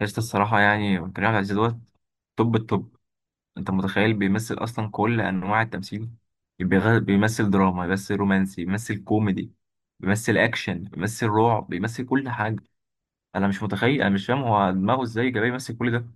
قشطة. الصراحة يعني كريم عبد العزيز دوت توب التوب. أنت متخيل بيمثل أصلا كل أنواع التمثيل. بيمثل دراما، بيمثل رومانسي، بيمثل كوميدي، بيمثل أكشن، بيمثل رعب، بيمثل كل حاجة. أنا مش متخيل، أنا مش فاهم هو دماغه إزاي جاي يمثل كل ده.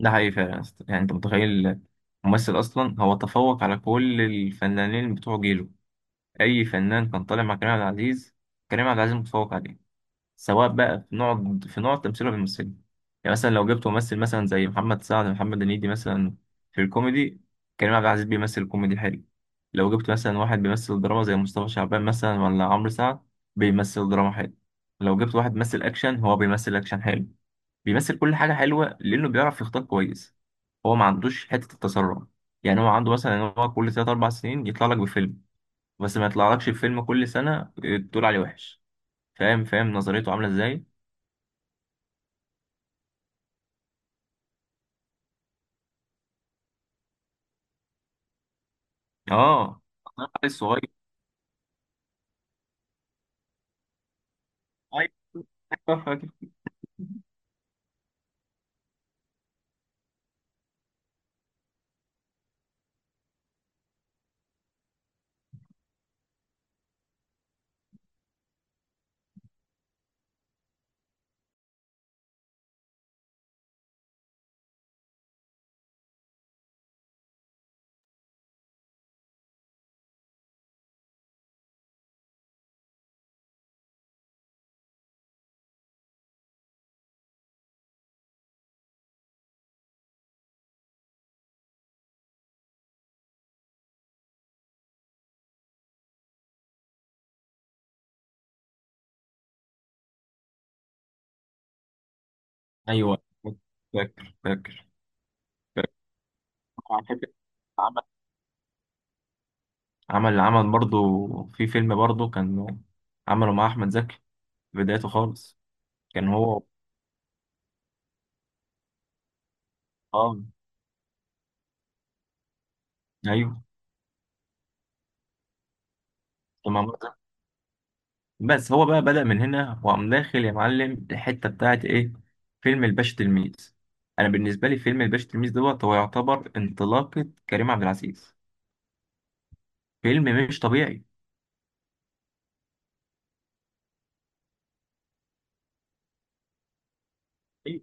ده حقيقي فعلا يا اسطى. يعني أنت متخيل ممثل أصلا هو تفوق على كل الفنانين بتوع جيله. أي فنان كان طالع مع كريم عبد العزيز، كريم عبد العزيز متفوق عليه، سواء بقى في نوع التمثيل اللي بيمثله. يعني مثلا لو جبت ممثل مثلا زي محمد سعد، محمد هنيدي مثلا، في الكوميدي، كريم عبد العزيز بيمثل كوميدي حلو. لو جبت مثلا واحد بيمثل دراما زي مصطفى شعبان مثلا، ولا عمرو سعد، بيمثل دراما حلو. لو جبت واحد بيمثل اكشن، هو بيمثل اكشن حلو. بيمثل كل حاجة حلوة لأنه بيعرف يختار كويس. هو ما عندوش حتة التسرع. يعني هو عنده مثلا ان هو كل تلات أربع سنين يطلع لك بفيلم، بس ما يطلعلكش بفيلم كل سنة. تقول عليه وحش. فاهم، فاهم نظريته عاملة ازاي. اه، انا الصغير. ايوه، فاكر. ايوه، فاكر، فاكر، فاكر. على فكرة عمل عمل برضه في فيلم برضه كان عمله مع احمد زكي في بدايته خالص. كان هو. اه، ايوه، كان مع أحمد زكي. بس هو بقى بدأ من هنا وقام داخل يا معلم الحته بتاعت ايه، فيلم الباشا تلميذ. انا بالنسبه لي فيلم الباشا تلميذ دوت هو يعتبر انطلاقه كريم عبد العزيز. فيلم مش طبيعي. ايوه،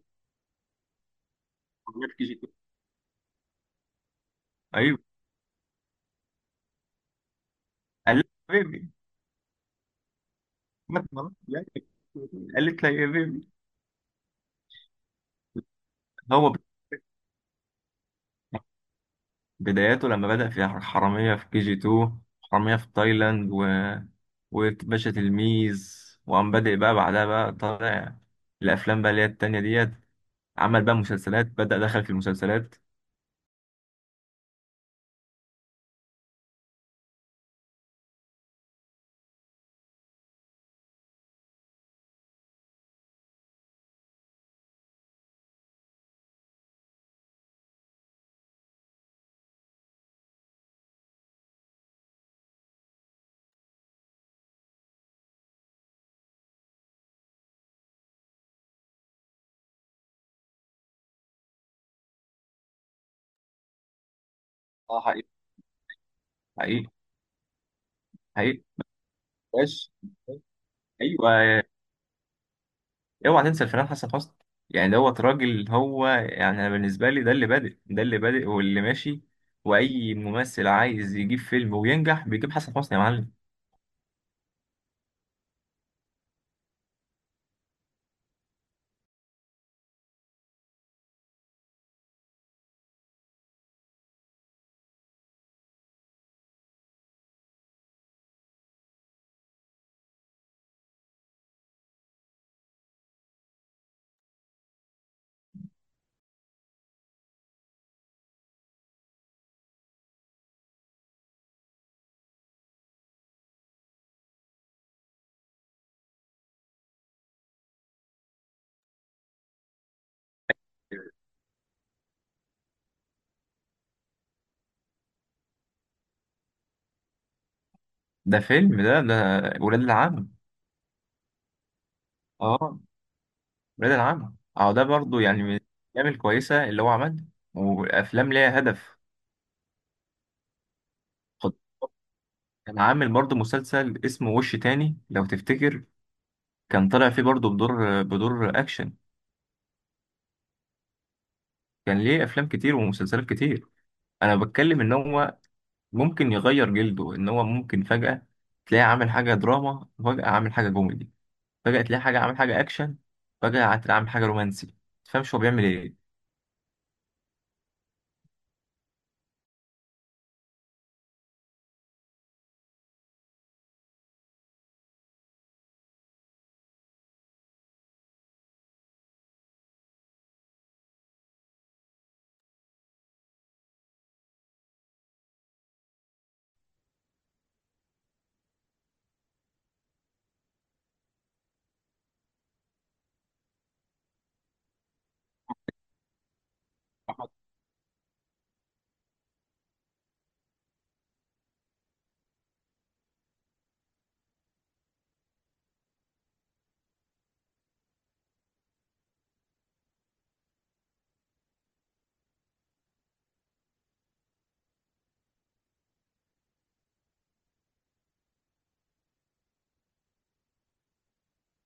ايوه. قال لا، يا حبيبي مثلا، يعني قالت لي يا بيبي. هو ب- بداياته لما بدأ في حرامية في كي جي 2، حرامية في تايلاند و... وباشا تلميذ. وقام بادئ بقى بعدها بقى طالع الأفلام بقى اللي هي التانية ديت. عمل بقى مسلسلات، بدأ دخل في المسلسلات. اه، حقيقي. حقيقي. حقيقي. باش، أيوه، اوعى تنسى الفنان حسن حسني. يعني دوت راجل، هو يعني انا بالنسبه لي ده اللي بادئ، ده اللي بادئ واللي ماشي. واي ممثل عايز يجيب فيلم وينجح بيجيب حسن حسني يا معلم. ده فيلم ده ولاد العم. اه، ولاد العم. اه، ده برضو يعني من الافلام الكويسه اللي هو عملها، وافلام ليها هدف. خد، كان عامل برضو مسلسل اسمه وش تاني لو تفتكر. كان طالع فيه برضو بدور اكشن. كان ليه افلام كتير ومسلسلات كتير. انا بتكلم ان هو ممكن يغير جلده، ان هو ممكن فجأة تلاقيه عامل حاجة دراما، فجأة عامل حاجة كوميدي، فجأة تلاقيه حاجة عامل حاجة اكشن، فجأة هتلاقيه عامل حاجة رومانسي. تفهمش هو بيعمل ايه.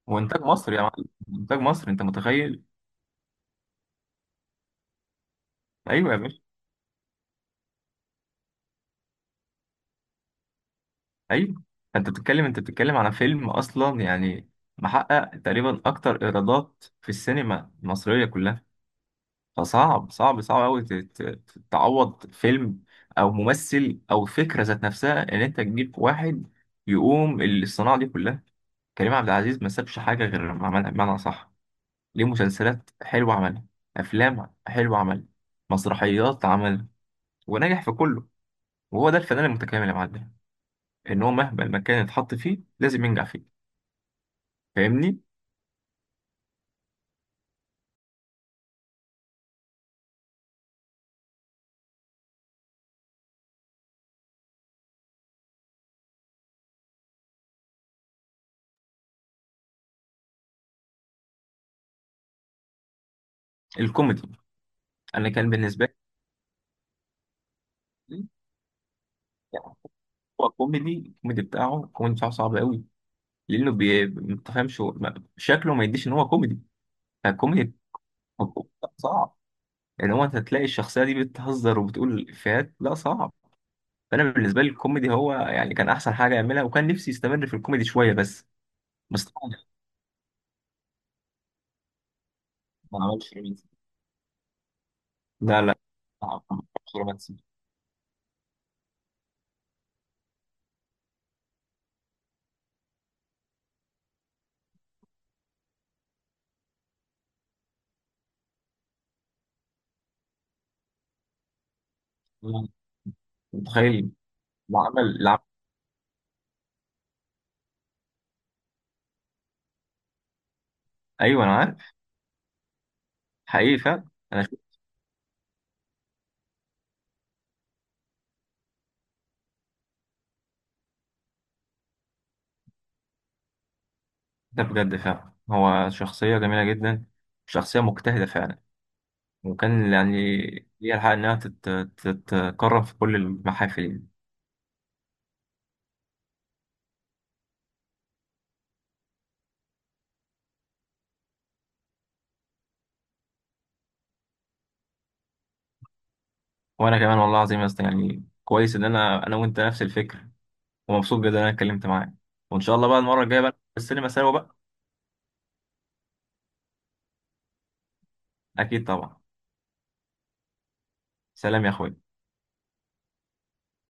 هو انتاج مصر يا معلم، انتاج مصر، انت متخيل. ايوه يا باشا. ايوه. انت بتتكلم على فيلم اصلا يعني محقق تقريبا اكتر ايرادات في السينما المصرية كلها. فصعب، صعب، صعب قوي تعوض فيلم او ممثل او فكرة ذات نفسها، ان انت تجيب واحد يقوم الصناعة دي كلها. كريم عبد العزيز ما سابش حاجة غير لما عملها بمعنى صح. ليه مسلسلات حلوة عملها، أفلام حلوة عملها، مسرحيات عملها، ونجح في كله. وهو ده الفنان المتكامل يا معلم. إن هو مهما المكان يتحط فيه لازم ينجح فيه. فاهمني. الكوميدي، أنا كان بالنسبة لي يعني. هو كوميدي، الكوميدي بتاعه، الكوميدي بتاعه صعب قوي، لأنه ما تفهمش شكله ما يديش إن هو كوميدي. فالكوميدي صعب، إن هو أنت تلاقي الشخصية دي بتهزر وبتقول إفيهات، لا صعب. فانا بالنسبه لي الكوميدي هو يعني كان احسن حاجه يعملها، وكان نفسي يستمر في الكوميدي شويه بس. بس طبعا ما عملش رومانسي. لا، لا، ما عملش رومانسي. لا، متخيل. اللي عمل. ايوه، انا عارف. حقيقي فعلا. انا شفت. ده بجد فعلا هو شخصيه جميله جدا، شخصيه مجتهده فعلا، وكان يعني ليها الحق انها تت- تتكرم في كل المحافل يعني. وانا كمان والله العظيم يا اسطى، يعني كويس ان انا وانت نفس الفكره، ومبسوط جدا ان انا اتكلمت معاك. وان شاء الله بقى المره الجايه بقى في السينما سوا بقى. اكيد طبعا. سلام يا اخوي.